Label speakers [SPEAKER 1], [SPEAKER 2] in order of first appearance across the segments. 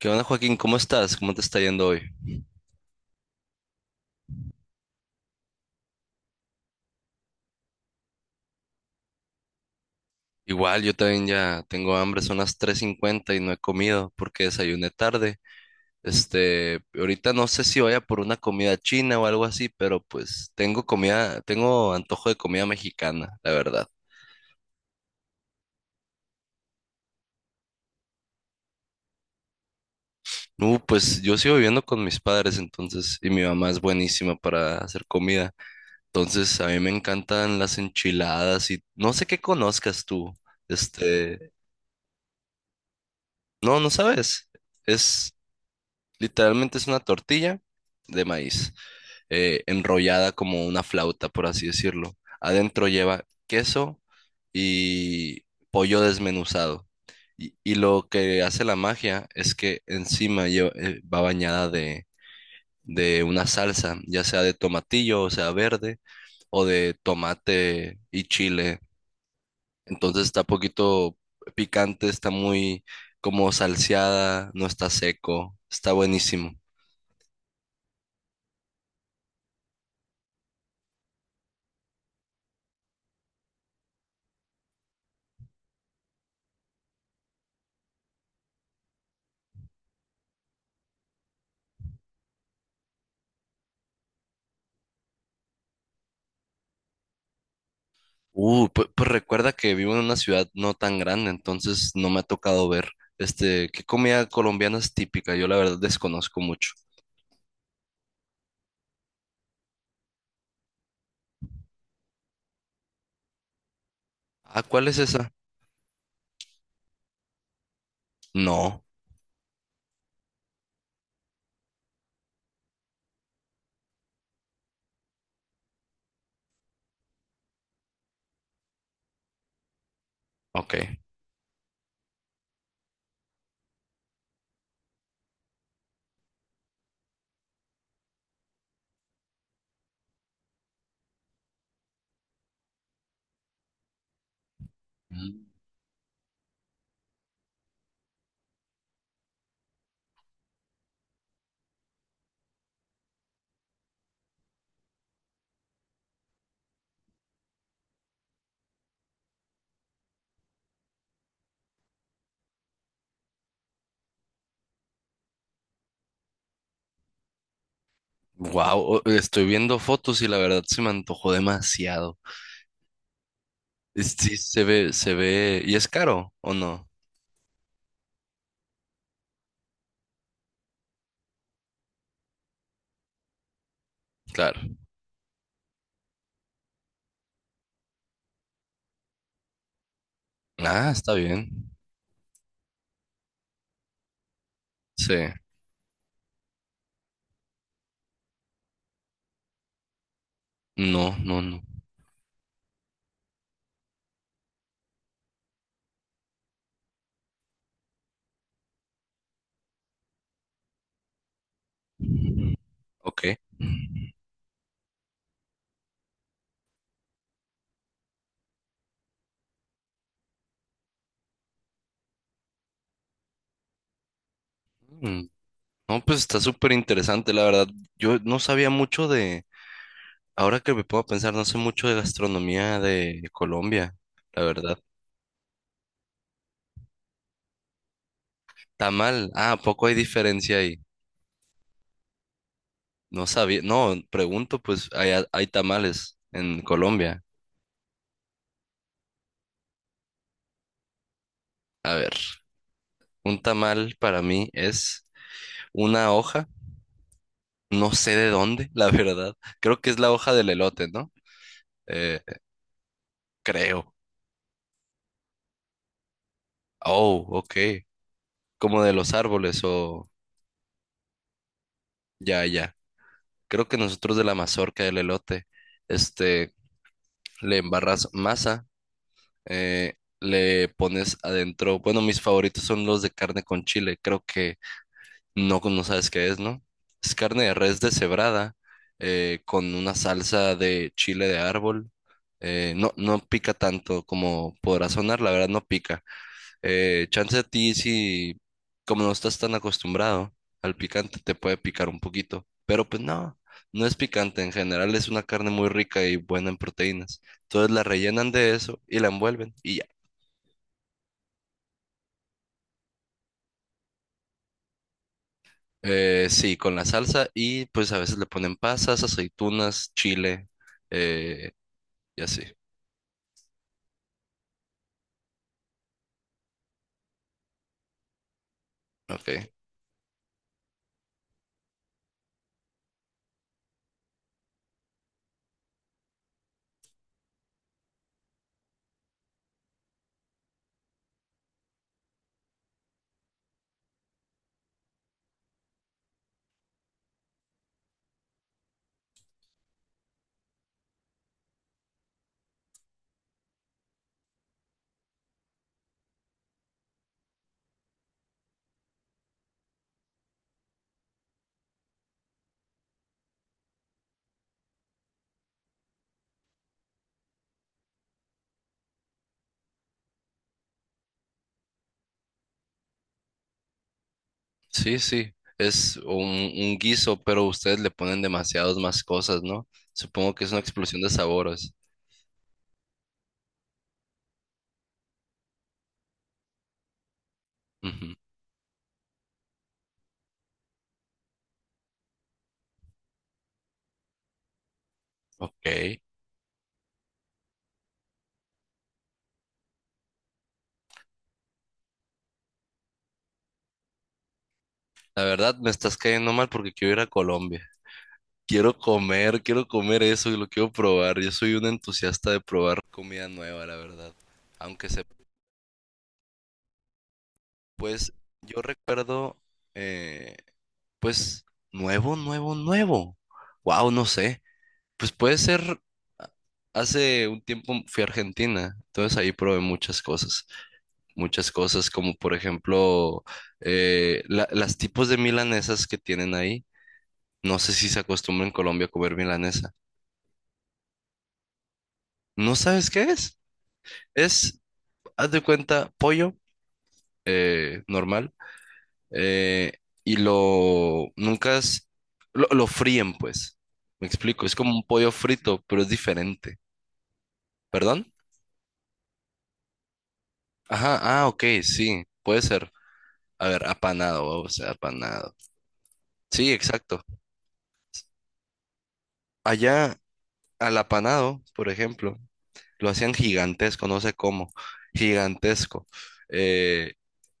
[SPEAKER 1] ¿Qué onda, Joaquín? ¿Cómo estás? ¿Cómo te está yendo hoy? Igual, yo también ya tengo hambre, son las 3:50 y no he comido porque desayuné tarde. Ahorita no sé si vaya por una comida china o algo así, pero pues tengo comida, tengo antojo de comida mexicana, la verdad. No, pues yo sigo viviendo con mis padres, entonces, y mi mamá es buenísima para hacer comida. Entonces, a mí me encantan las enchiladas y no sé qué conozcas tú. Este, no, no sabes. Es Literalmente es una tortilla de maíz, enrollada como una flauta, por así decirlo. Adentro lleva queso y pollo desmenuzado. Y lo que hace la magia es que encima va bañada de una salsa, ya sea de tomatillo, o sea, verde, o de tomate y chile. Entonces está poquito picante, está muy como salseada, no está seco, está buenísimo. Pues, recuerda que vivo en una ciudad no tan grande, entonces no me ha tocado ver, qué comida colombiana es típica. Yo la verdad desconozco mucho. Ah, ¿cuál es esa? No, ok. Wow, estoy viendo fotos y la verdad se me antojó demasiado. Sí, se ve, ¿y es caro o no? Claro. Ah, está bien. Sí. No, no, no. Ok. Mm, no, pues está súper interesante, la verdad. Yo no sabía mucho ahora que me puedo pensar, no sé mucho de gastronomía de Colombia, la verdad. Tamal, ah, ¿a poco hay diferencia ahí? No sabía, no, pregunto, pues hay tamales en Colombia. A ver, un tamal para mí es una hoja, no sé de dónde, la verdad. Creo que es la hoja del elote, ¿no? Eh, Creo. Oh, ok. Como de los árboles o ya, ya. Creo que nosotros de la mazorca del elote, este, le embarras masa, le pones adentro. Bueno, mis favoritos son los de carne con chile. Creo que no, no sabes qué es, ¿no? Es carne de res deshebrada, con una salsa de chile de árbol. No, no pica tanto como podrá sonar, la verdad no pica. Chance a ti si, como no estás tan acostumbrado al picante, te puede picar un poquito. Pero pues no, no es picante en general, es una carne muy rica y buena en proteínas. Entonces la rellenan de eso y la envuelven y ya. Sí, con la salsa y pues a veces le ponen pasas, aceitunas, chile, eh, y así. Ok. Sí, sí. Es un guiso, pero ustedes le ponen demasiadas más cosas, ¿no? Supongo que es una explosión de sabores. Ujú, ok. La verdad me estás cayendo mal porque quiero ir a Colombia. Quiero comer eso y lo quiero probar. Yo soy un entusiasta de probar comida nueva, la verdad. Aunque se, pues, yo recuerdo... eh, pues nuevo, nuevo, nuevo. Wow, no sé. Pues puede ser, ah, hace un tiempo fui a Argentina, entonces ahí probé muchas cosas como por ejemplo, las tipos de milanesas que tienen ahí. No sé si se acostumbra en Colombia a comer milanesa. ¿No sabes qué es? Es, haz de cuenta, pollo, normal. Eh, y lo nunca es- Lo fríen, pues. Me explico, es como un pollo frito, pero es diferente. ¿Perdón? Ajá, ah, ok, sí, puede ser. A ver, apanado, o sea, apanado. Sí, exacto. Allá al apanado, por ejemplo, lo hacían gigantesco, no sé cómo, gigantesco. Eh,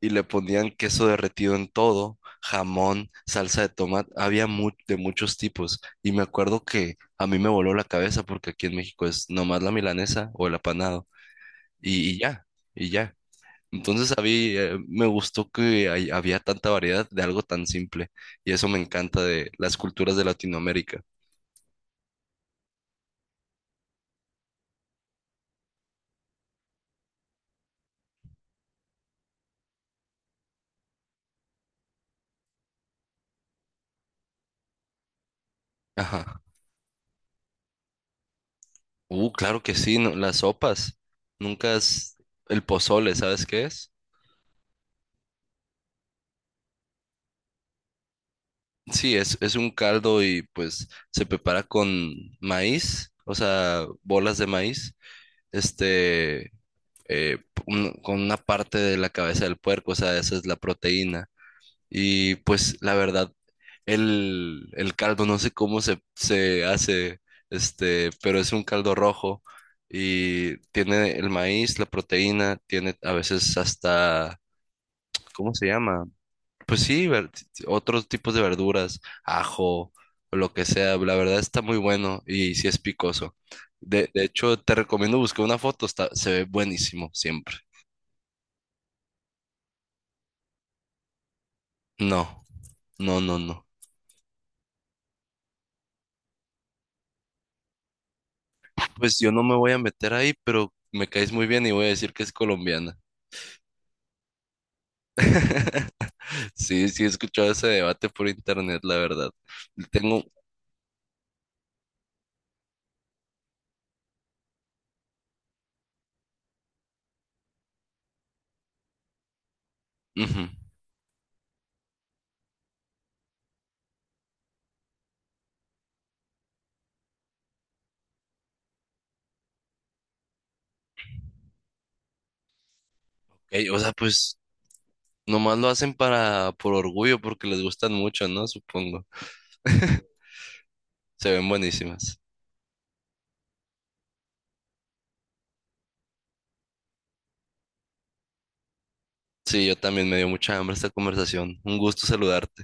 [SPEAKER 1] y le ponían queso derretido en todo, jamón, salsa de tomate, de muchos tipos. Y me acuerdo que a mí me voló la cabeza porque aquí en México es nomás la milanesa o el apanado y ya, y ya. Entonces a mí me gustó que había tanta variedad de algo tan simple y eso me encanta de las culturas de Latinoamérica. Ajá. Claro que sí, las sopas. Nunca es El pozole, ¿sabes qué es? Sí, es un caldo y pues se prepara con maíz, o sea, bolas de maíz, este, eh, un- con una parte de la cabeza del puerco, o sea, esa es la proteína. Y pues la verdad, el caldo, no sé se hace, pero es un caldo rojo y tiene el maíz, la proteína, tiene a veces hasta, ¿cómo se llama? Pues sí, otros tipos de verduras, ajo, o lo que sea, la verdad está muy bueno y sí es picoso. De hecho, te recomiendo buscar una foto, está, se ve buenísimo siempre. No, no, no, no. Pues yo no me voy a meter ahí, pero me caes muy bien y voy a decir que es colombiana. Sí, sí, he escuchado ese debate por internet, la verdad. Tengo... ujú. Ok, o sea, pues nomás lo hacen para, por orgullo, porque les gustan mucho, ¿no? Supongo. Se ven buenísimas. Sí, yo también me dio mucha hambre esta conversación. Un gusto saludarte.